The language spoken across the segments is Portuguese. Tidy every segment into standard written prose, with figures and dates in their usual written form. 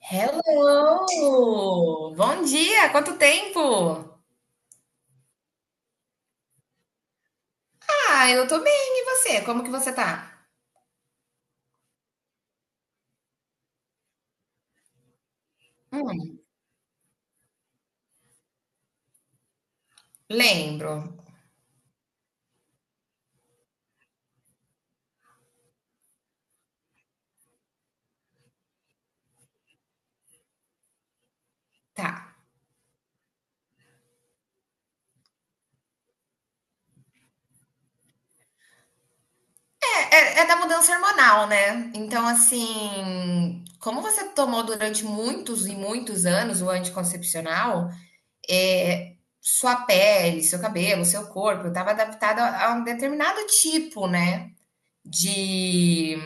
Hello! Bom dia, quanto tempo? Ah, eu tô bem, e você? Como que você tá? Hum, lembro. Tá. É, é da mudança hormonal, né? Então, assim, como você tomou durante muitos e muitos anos o anticoncepcional, é, sua pele, seu cabelo, seu corpo estava adaptado a um determinado tipo, né? De,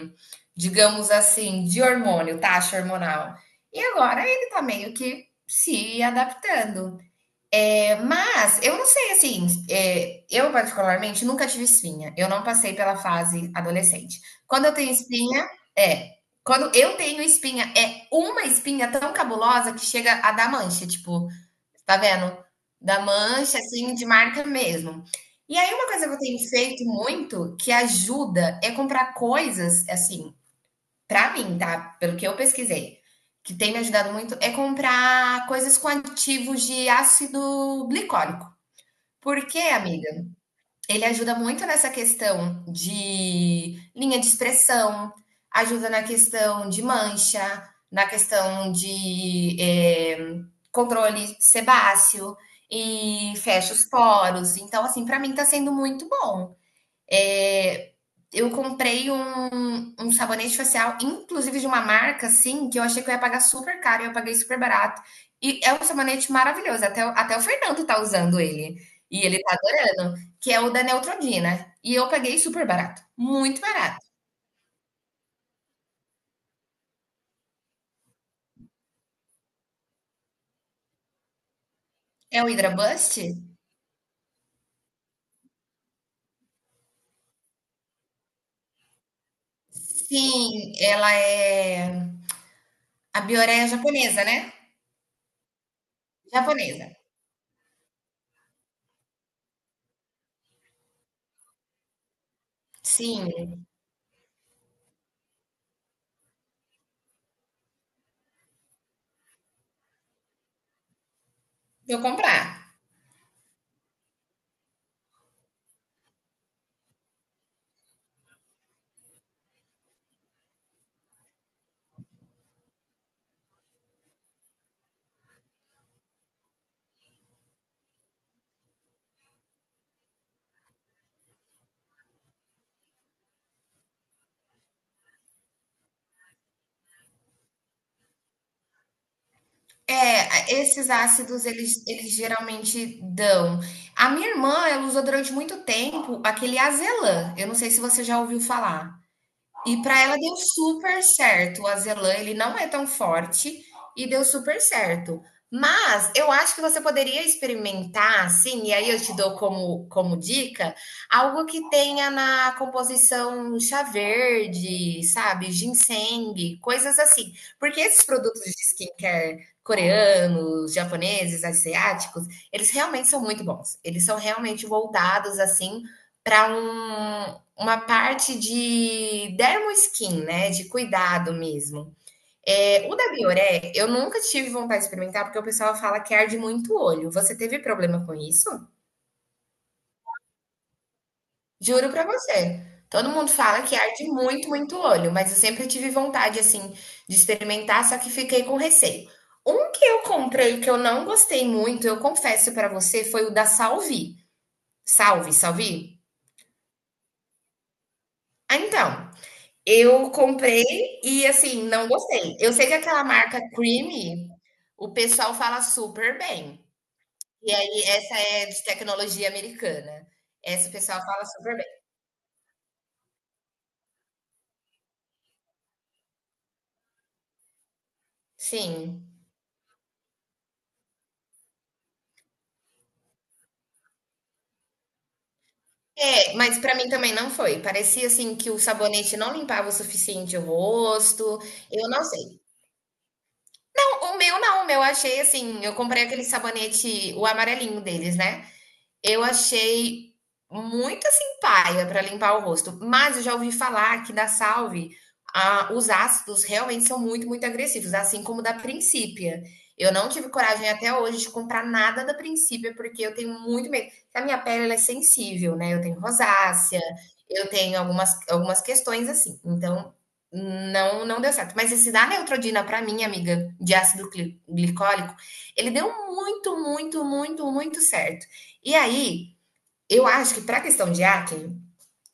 digamos assim, de hormônio, taxa hormonal. E agora ele tá meio que se adaptando. É, mas eu não sei assim, é, eu particularmente nunca tive espinha. Eu não passei pela fase adolescente. Quando eu tenho espinha, é. Quando eu tenho espinha, é uma espinha tão cabulosa que chega a dar mancha. Tipo, tá vendo? Da mancha, assim, de marca mesmo. E aí, uma coisa que eu tenho feito muito, que ajuda, é comprar coisas, assim, pra mim, tá? Pelo que eu pesquisei, que tem me ajudado muito, é comprar coisas com aditivos de ácido glicólico. Por quê, amiga? Ele ajuda muito nessa questão de linha de expressão, ajuda na questão de mancha, na questão de é, controle sebáceo e fecha os poros. Então, assim, para mim tá sendo muito bom. É, eu comprei um sabonete facial, inclusive de uma marca, assim, que eu achei que eu ia pagar super caro e eu paguei super barato. E é um sabonete maravilhoso, até, até o Fernando tá usando ele. E ele tá adorando, que é o da Neutrodina. E eu paguei super barato, muito barato. É o Hydra Bust? Sim, ela é a Bioreia japonesa, né? Japonesa. Sim, vou comprar. É, esses ácidos eles, eles geralmente dão. A minha irmã, ela usou durante muito tempo aquele azelã. Eu não sei se você já ouviu falar. E para ela deu super certo. O azelã, ele não é tão forte e deu super certo. Mas eu acho que você poderia experimentar, assim, e aí eu te dou como, como dica, algo que tenha na composição chá verde, sabe? Ginseng, coisas assim. Porque esses produtos de skincare coreanos, japoneses, asiáticos, eles realmente são muito bons. Eles são realmente voltados, assim, para um, uma parte de dermo skin né, de cuidado mesmo. É, o da Bioré, eu nunca tive vontade de experimentar, porque o pessoal fala que arde muito o olho. Você teve problema com isso? Juro pra você. Todo mundo fala que arde muito, muito o olho, mas eu sempre tive vontade, assim, de experimentar, só que fiquei com receio. Um que eu comprei que eu não gostei muito, eu confesso pra você, foi o da Salvi. Salve, Salvi? Ah, então. Eu comprei e, assim, não gostei. Eu sei que aquela marca Creamy, o pessoal fala super bem. E aí, essa é de tecnologia americana. Essa o pessoal fala super bem. Sim. É, mas pra mim também não foi. Parecia, assim, que o sabonete não limpava o suficiente o rosto. Eu não sei. Não, o meu não. O meu eu achei, assim, eu comprei aquele sabonete, o amarelinho deles, né? Eu achei muito assim paia para limpar o rosto, mas eu já ouvi falar que da Salve, os ácidos realmente são muito, muito agressivos, assim como da Princípia. Eu não tive coragem até hoje de comprar nada da Princípia, porque eu tenho muito medo. A minha pele ela é sensível, né? Eu tenho rosácea, eu tenho algumas, algumas questões assim. Então, não, não deu certo. Mas esse da Neutrodina, para mim, amiga, de ácido glicólico, ele deu muito, muito, muito, muito certo. E aí, eu acho que para a questão de hacking,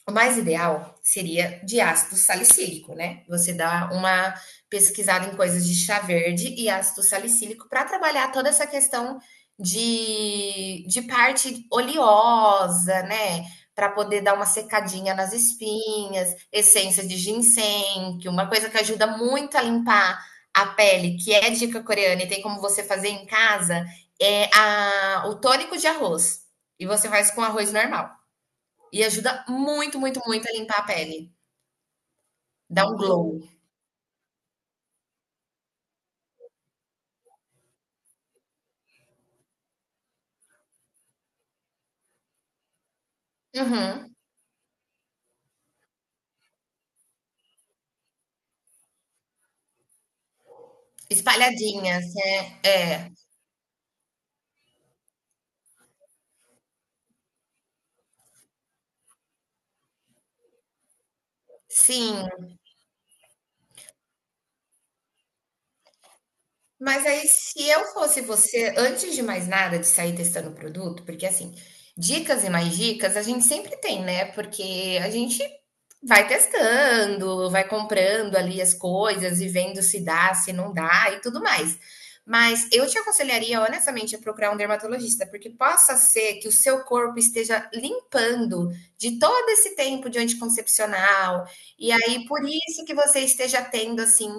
o mais ideal seria de ácido salicílico, né? Você dá uma pesquisada em coisas de chá verde e ácido salicílico para trabalhar toda essa questão de parte oleosa, né? Para poder dar uma secadinha nas espinhas, essência de ginseng, que uma coisa que ajuda muito a limpar a pele, que é dica coreana e tem como você fazer em casa, é a, o tônico de arroz. E você faz com arroz normal. E ajuda muito, muito, muito a limpar a pele. Dá um glow. Uhum. Espalhadinhas, né? É. Sim. Mas aí, se eu fosse você, antes de mais nada, de sair testando o produto, porque assim, dicas e mais dicas a gente sempre tem, né? Porque a gente vai testando, vai comprando ali as coisas e vendo se dá, se não dá e tudo mais. Mas eu te aconselharia, honestamente, a procurar um dermatologista, porque possa ser que o seu corpo esteja limpando de todo esse tempo de anticoncepcional, e aí por isso que você esteja tendo, assim,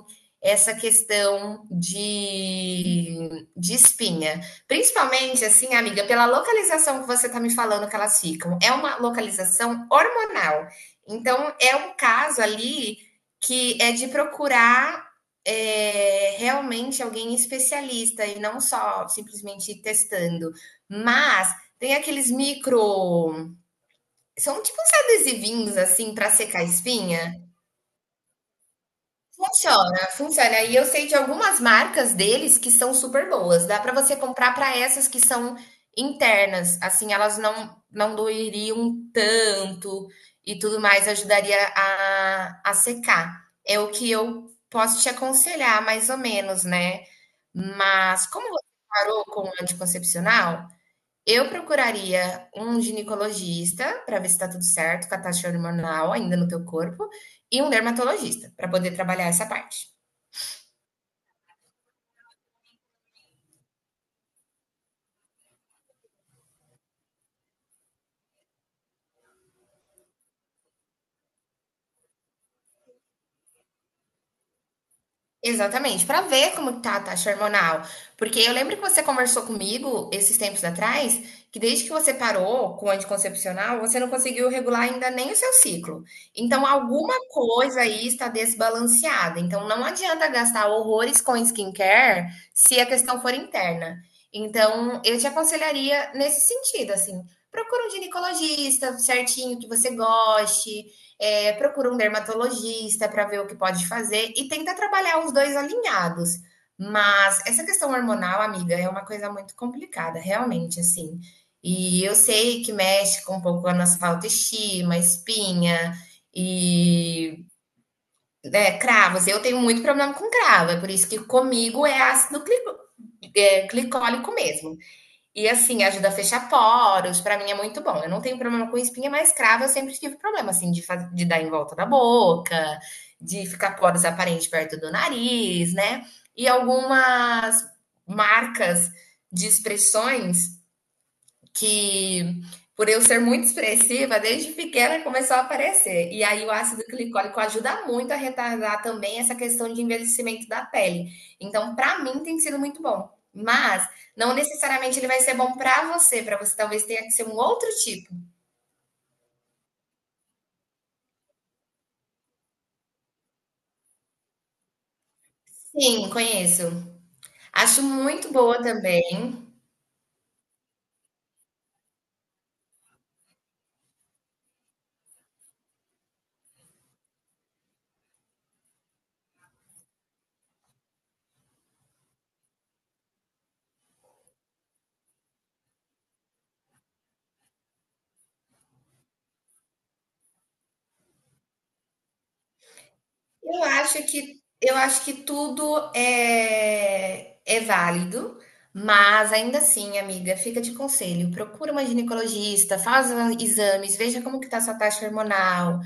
essa questão de espinha. Principalmente, assim, amiga, pela localização que você está me falando que elas ficam. É uma localização hormonal. Então, é um caso ali que é de procurar é, realmente alguém especialista e não só simplesmente ir testando. Mas tem aqueles micro. São tipo uns adesivinhos assim para secar espinha. Funciona, funciona. E eu sei de algumas marcas deles que são super boas. Dá para você comprar para essas que são internas, assim, elas não doeriam tanto e tudo mais, ajudaria a secar. É o que eu posso te aconselhar, mais ou menos, né? Mas como você parou com o anticoncepcional, eu procuraria um ginecologista para ver se está tudo certo com a taxa hormonal ainda no teu corpo e um dermatologista para poder trabalhar essa parte. Exatamente, para ver como tá a taxa hormonal. Porque eu lembro que você conversou comigo esses tempos atrás, que desde que você parou com o anticoncepcional, você não conseguiu regular ainda nem o seu ciclo. Então, alguma coisa aí está desbalanceada. Então, não adianta gastar horrores com skincare se a questão for interna. Então, eu te aconselharia nesse sentido, assim, procura um ginecologista certinho que você goste, é, procura um dermatologista para ver o que pode fazer e tenta trabalhar os dois alinhados. Mas essa questão hormonal, amiga, é uma coisa muito complicada, realmente, assim. E eu sei que mexe com um pouco a nossa autoestima, espinha e né, cravos. Eu tenho muito problema com cravo, é por isso que comigo é ácido é, glicólico mesmo. E assim, ajuda a fechar poros, pra mim é muito bom. Eu não tenho problema com espinha, mas cravo eu sempre tive problema, assim, de, de dar em volta da boca, de ficar poros aparentes perto do nariz, né? E algumas marcas de expressões que por eu ser muito expressiva, desde pequena começou a aparecer. E aí o ácido glicólico ajuda muito a retardar também essa questão de envelhecimento da pele. Então, para mim tem sido muito bom. Mas não necessariamente ele vai ser bom para você talvez tenha que ser um outro tipo. Sim, conheço. Acho muito boa também. Eu acho que tudo é, é válido, mas ainda assim, amiga, fica de conselho. Procura uma ginecologista, faz a- exames, veja como que está sua taxa hormonal,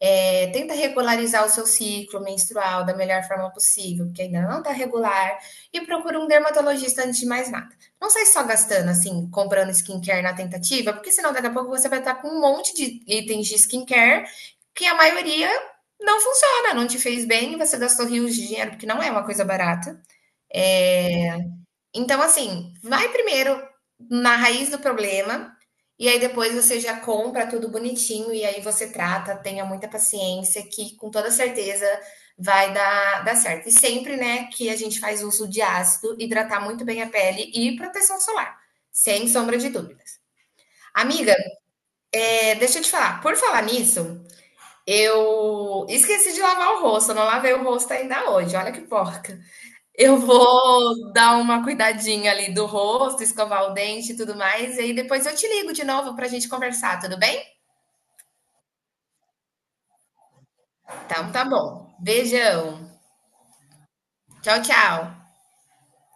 é, tenta regularizar o seu ciclo menstrual da melhor forma possível, porque ainda não está regular, e procura um dermatologista antes de mais nada. Não sai só gastando, assim, comprando skincare na tentativa, porque senão daqui a pouco você vai estar com um monte de itens de skincare que a maioria não funciona, não te fez bem, você gastou rios de dinheiro, porque não é uma coisa barata. É, então, assim, vai primeiro na raiz do problema, e aí depois você já compra tudo bonitinho, e aí você trata, tenha muita paciência, que com toda certeza vai dar certo. E sempre, né, que a gente faz uso de ácido, hidratar muito bem a pele e proteção solar, sem sombra de dúvidas. Amiga, é, deixa eu te falar, por falar nisso, eu esqueci de lavar o rosto, eu não lavei o rosto ainda hoje, olha que porca. Eu vou dar uma cuidadinha ali do rosto, escovar o dente e tudo mais, e aí depois eu te ligo de novo para a gente conversar, tudo bem? Então tá bom. Beijão. Tchau, tchau.